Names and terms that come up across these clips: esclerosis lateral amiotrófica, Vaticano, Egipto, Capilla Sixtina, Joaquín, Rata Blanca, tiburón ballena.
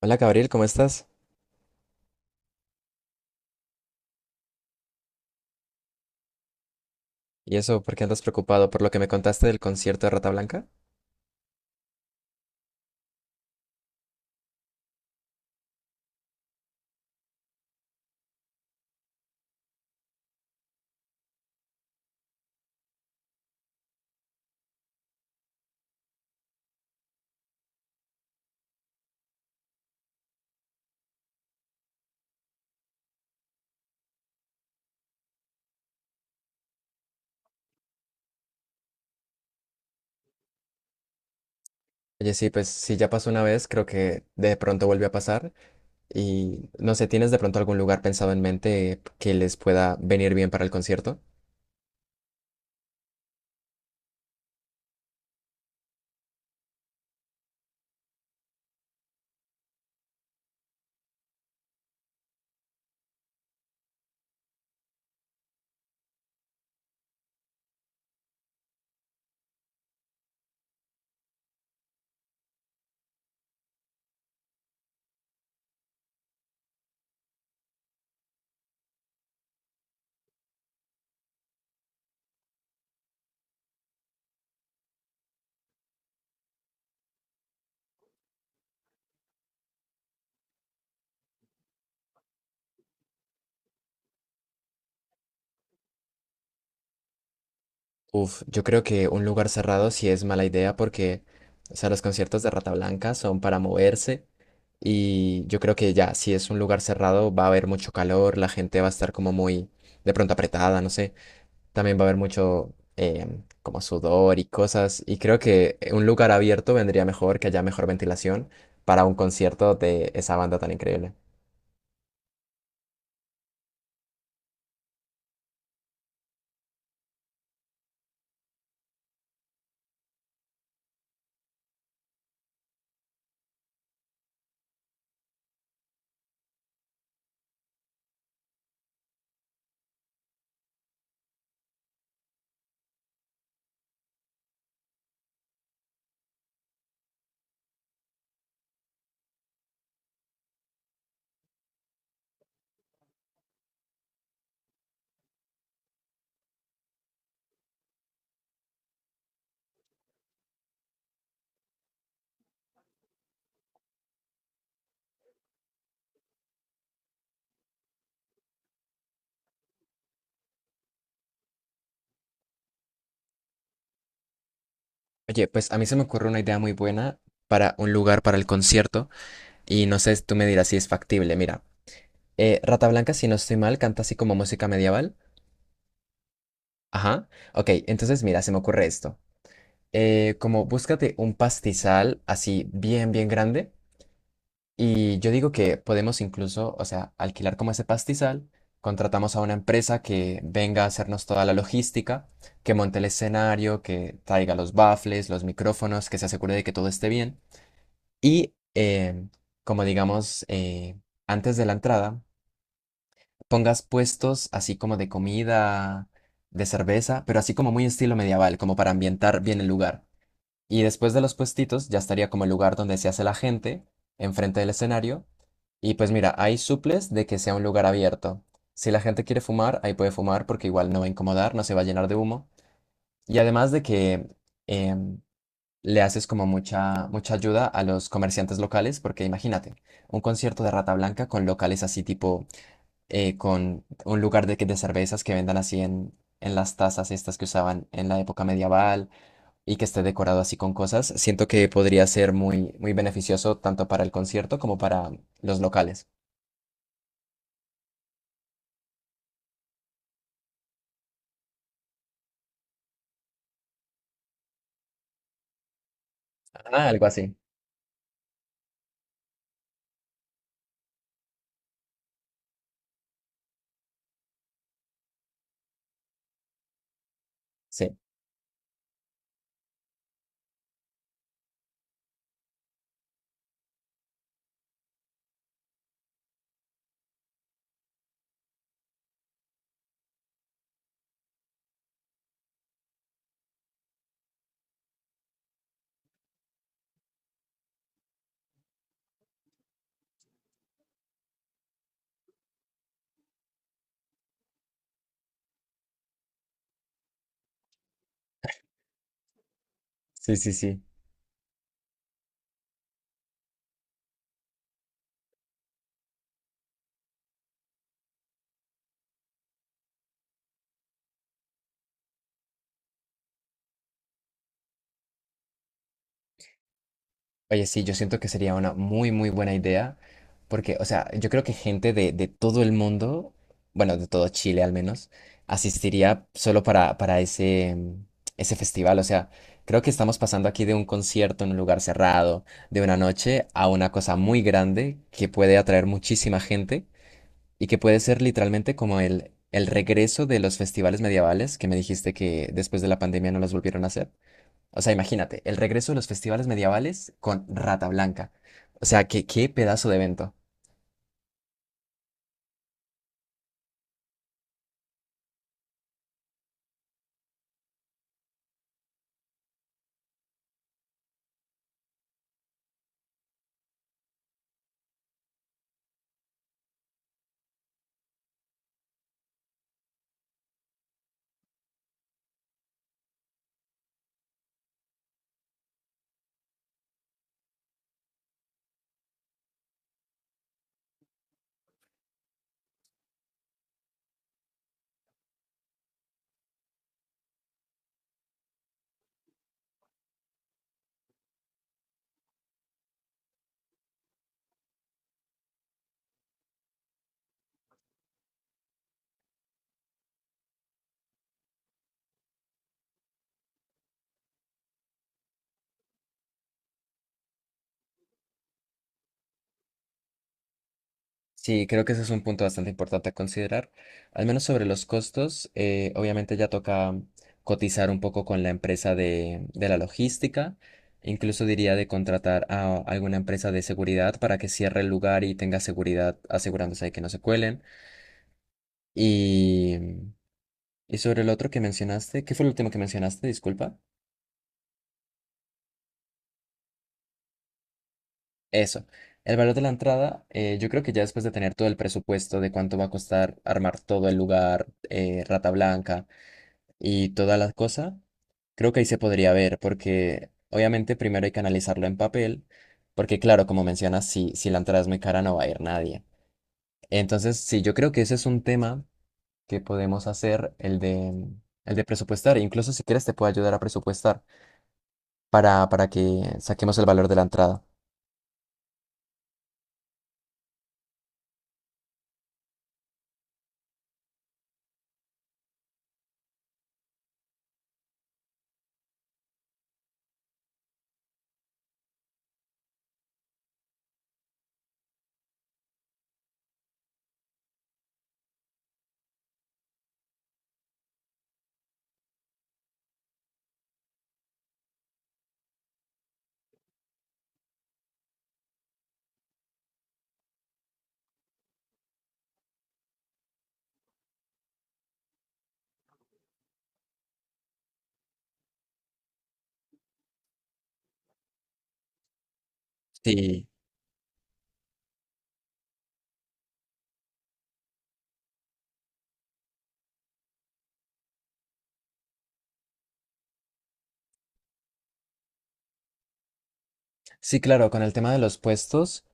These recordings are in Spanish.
Hola Gabriel, ¿cómo estás? ¿Y eso, por qué andas preocupado por lo que me contaste del concierto de Rata Blanca? Oye, sí, pues si ya pasó una vez, creo que de pronto vuelve a pasar y no sé, ¿tienes de pronto algún lugar pensado en mente que les pueda venir bien para el concierto? Uf, yo creo que un lugar cerrado sí es mala idea porque, o sea, los conciertos de Rata Blanca son para moverse y yo creo que ya, si es un lugar cerrado va a haber mucho calor, la gente va a estar como muy de pronto apretada, no sé. También va a haber mucho como sudor y cosas. Y creo que un lugar abierto vendría mejor, que haya mejor ventilación para un concierto de esa banda tan increíble. Oye, pues a mí se me ocurre una idea muy buena para un lugar para el concierto. Y no sé, tú me dirás si es factible. Mira, Rata Blanca, si no estoy mal, canta así como música medieval. Ajá. Ok, entonces mira, se me ocurre esto. Como búscate un pastizal así bien, bien grande. Y yo digo que podemos incluso, o sea, alquilar como ese pastizal, contratamos a una empresa que venga a hacernos toda la logística, que monte el escenario, que traiga los baffles, los micrófonos, que se asegure de que todo esté bien. Y como digamos, antes de la entrada, pongas puestos así como de comida, de cerveza, pero así como muy estilo medieval, como para ambientar bien el lugar. Y después de los puestitos ya estaría como el lugar donde se hace la gente, enfrente del escenario. Y pues mira, hay suples de que sea un lugar abierto. Si la gente quiere fumar, ahí puede fumar porque igual no va a incomodar, no se va a llenar de humo. Y además de que em, le haces como mucha, mucha ayuda a los comerciantes locales, porque imagínate, un concierto de Rata Blanca con locales así tipo, con un lugar de, de cervezas que vendan así en las tazas estas que usaban en la época medieval y que esté decorado así con cosas, siento que podría ser muy, muy beneficioso tanto para el concierto como para los locales. Ah, algo así. Sí, sí, sí, sí. Oye, sí, yo siento que sería una muy, muy buena idea, porque, o sea, yo creo que gente de todo el mundo, bueno, de todo Chile al menos, asistiría solo para ese, ese festival. O sea, creo que estamos pasando aquí de un concierto en un lugar cerrado, de una noche, a una cosa muy grande que puede atraer muchísima gente. Y que puede ser literalmente como el regreso de los festivales medievales, que me dijiste que después de la pandemia no los volvieron a hacer. O sea, imagínate, el regreso de los festivales medievales con Rata Blanca. O sea, que qué pedazo de evento. Sí, creo que ese es un punto bastante importante a considerar. Al menos sobre los costos, obviamente ya toca cotizar un poco con la empresa de la logística. Incluso diría de contratar a alguna empresa de seguridad para que cierre el lugar y tenga seguridad asegurándose de que no se cuelen. Y, y sobre el otro que mencionaste, ¿qué fue el último que mencionaste? Disculpa. Eso. El valor de la entrada, yo creo que ya después de tener todo el presupuesto de cuánto va a costar armar todo el lugar, Rata Blanca y toda la cosa, creo que ahí se podría ver, porque obviamente primero hay que analizarlo en papel, porque claro, como mencionas, si la entrada es muy cara no va a ir nadie. Entonces, sí, yo creo que ese es un tema que podemos hacer, el de presupuestar. Incluso si quieres te puedo ayudar a presupuestar para que saquemos el valor de la entrada. Sí, sí, claro, con el tema de los puestos,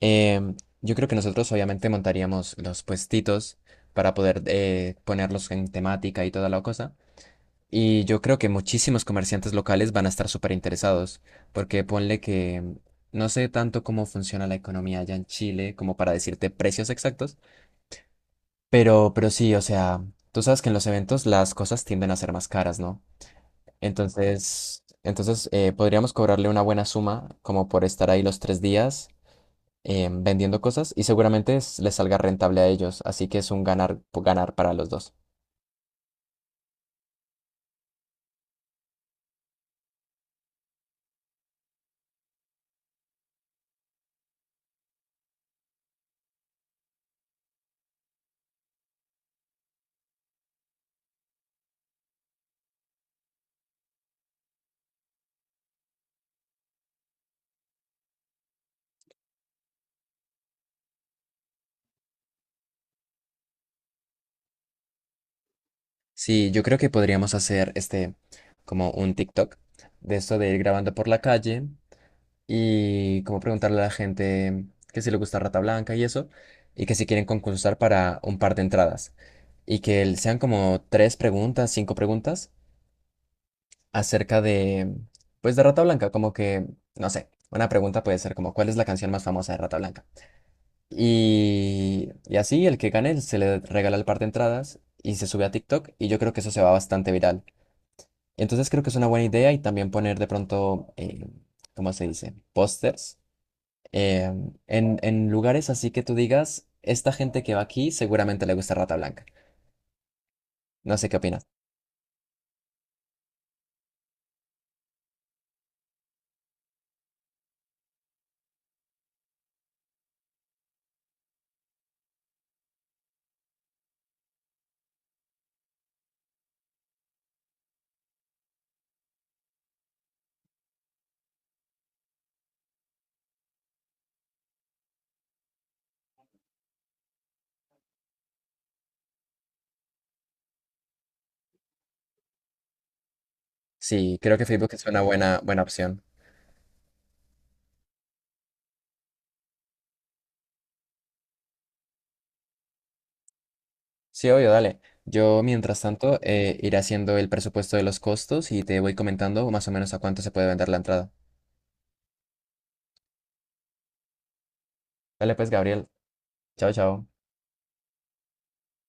em, yo creo que nosotros obviamente montaríamos los puestitos para poder ponerlos en temática y toda la cosa. Y yo creo que muchísimos comerciantes locales van a estar súper interesados, porque ponle que no sé tanto cómo funciona la economía allá en Chile como para decirte precios exactos, pero sí, o sea, tú sabes que en los eventos las cosas tienden a ser más caras, ¿no? Entonces, entonces podríamos cobrarle una buena suma como por estar ahí los 3 días vendiendo cosas y seguramente les salga rentable a ellos, así que es un ganar, ganar para los dos. Sí, yo creo que podríamos hacer este como un TikTok de esto de ir grabando por la calle y como preguntarle a la gente que si le gusta Rata Blanca y eso y que si quieren concursar para un par de entradas y que sean como tres preguntas, cinco preguntas acerca de, pues, de Rata Blanca, como que, no sé, una pregunta puede ser como, ¿cuál es la canción más famosa de Rata Blanca? Y así el que gane se le regala el par de entradas y se sube a TikTok y yo creo que eso se va bastante viral. Entonces creo que es una buena idea y también poner de pronto, ¿cómo se dice? Pósters eh, en lugares así que tú digas, esta gente que va aquí seguramente le gusta Rata Blanca. No sé qué opinas. Sí, creo que Facebook es una buena, buena opción. Sí, obvio, dale. Yo, mientras tanto, iré haciendo el presupuesto de los costos y te voy comentando más o menos a cuánto se puede vender la entrada. Dale, pues, Gabriel. Chao, chao.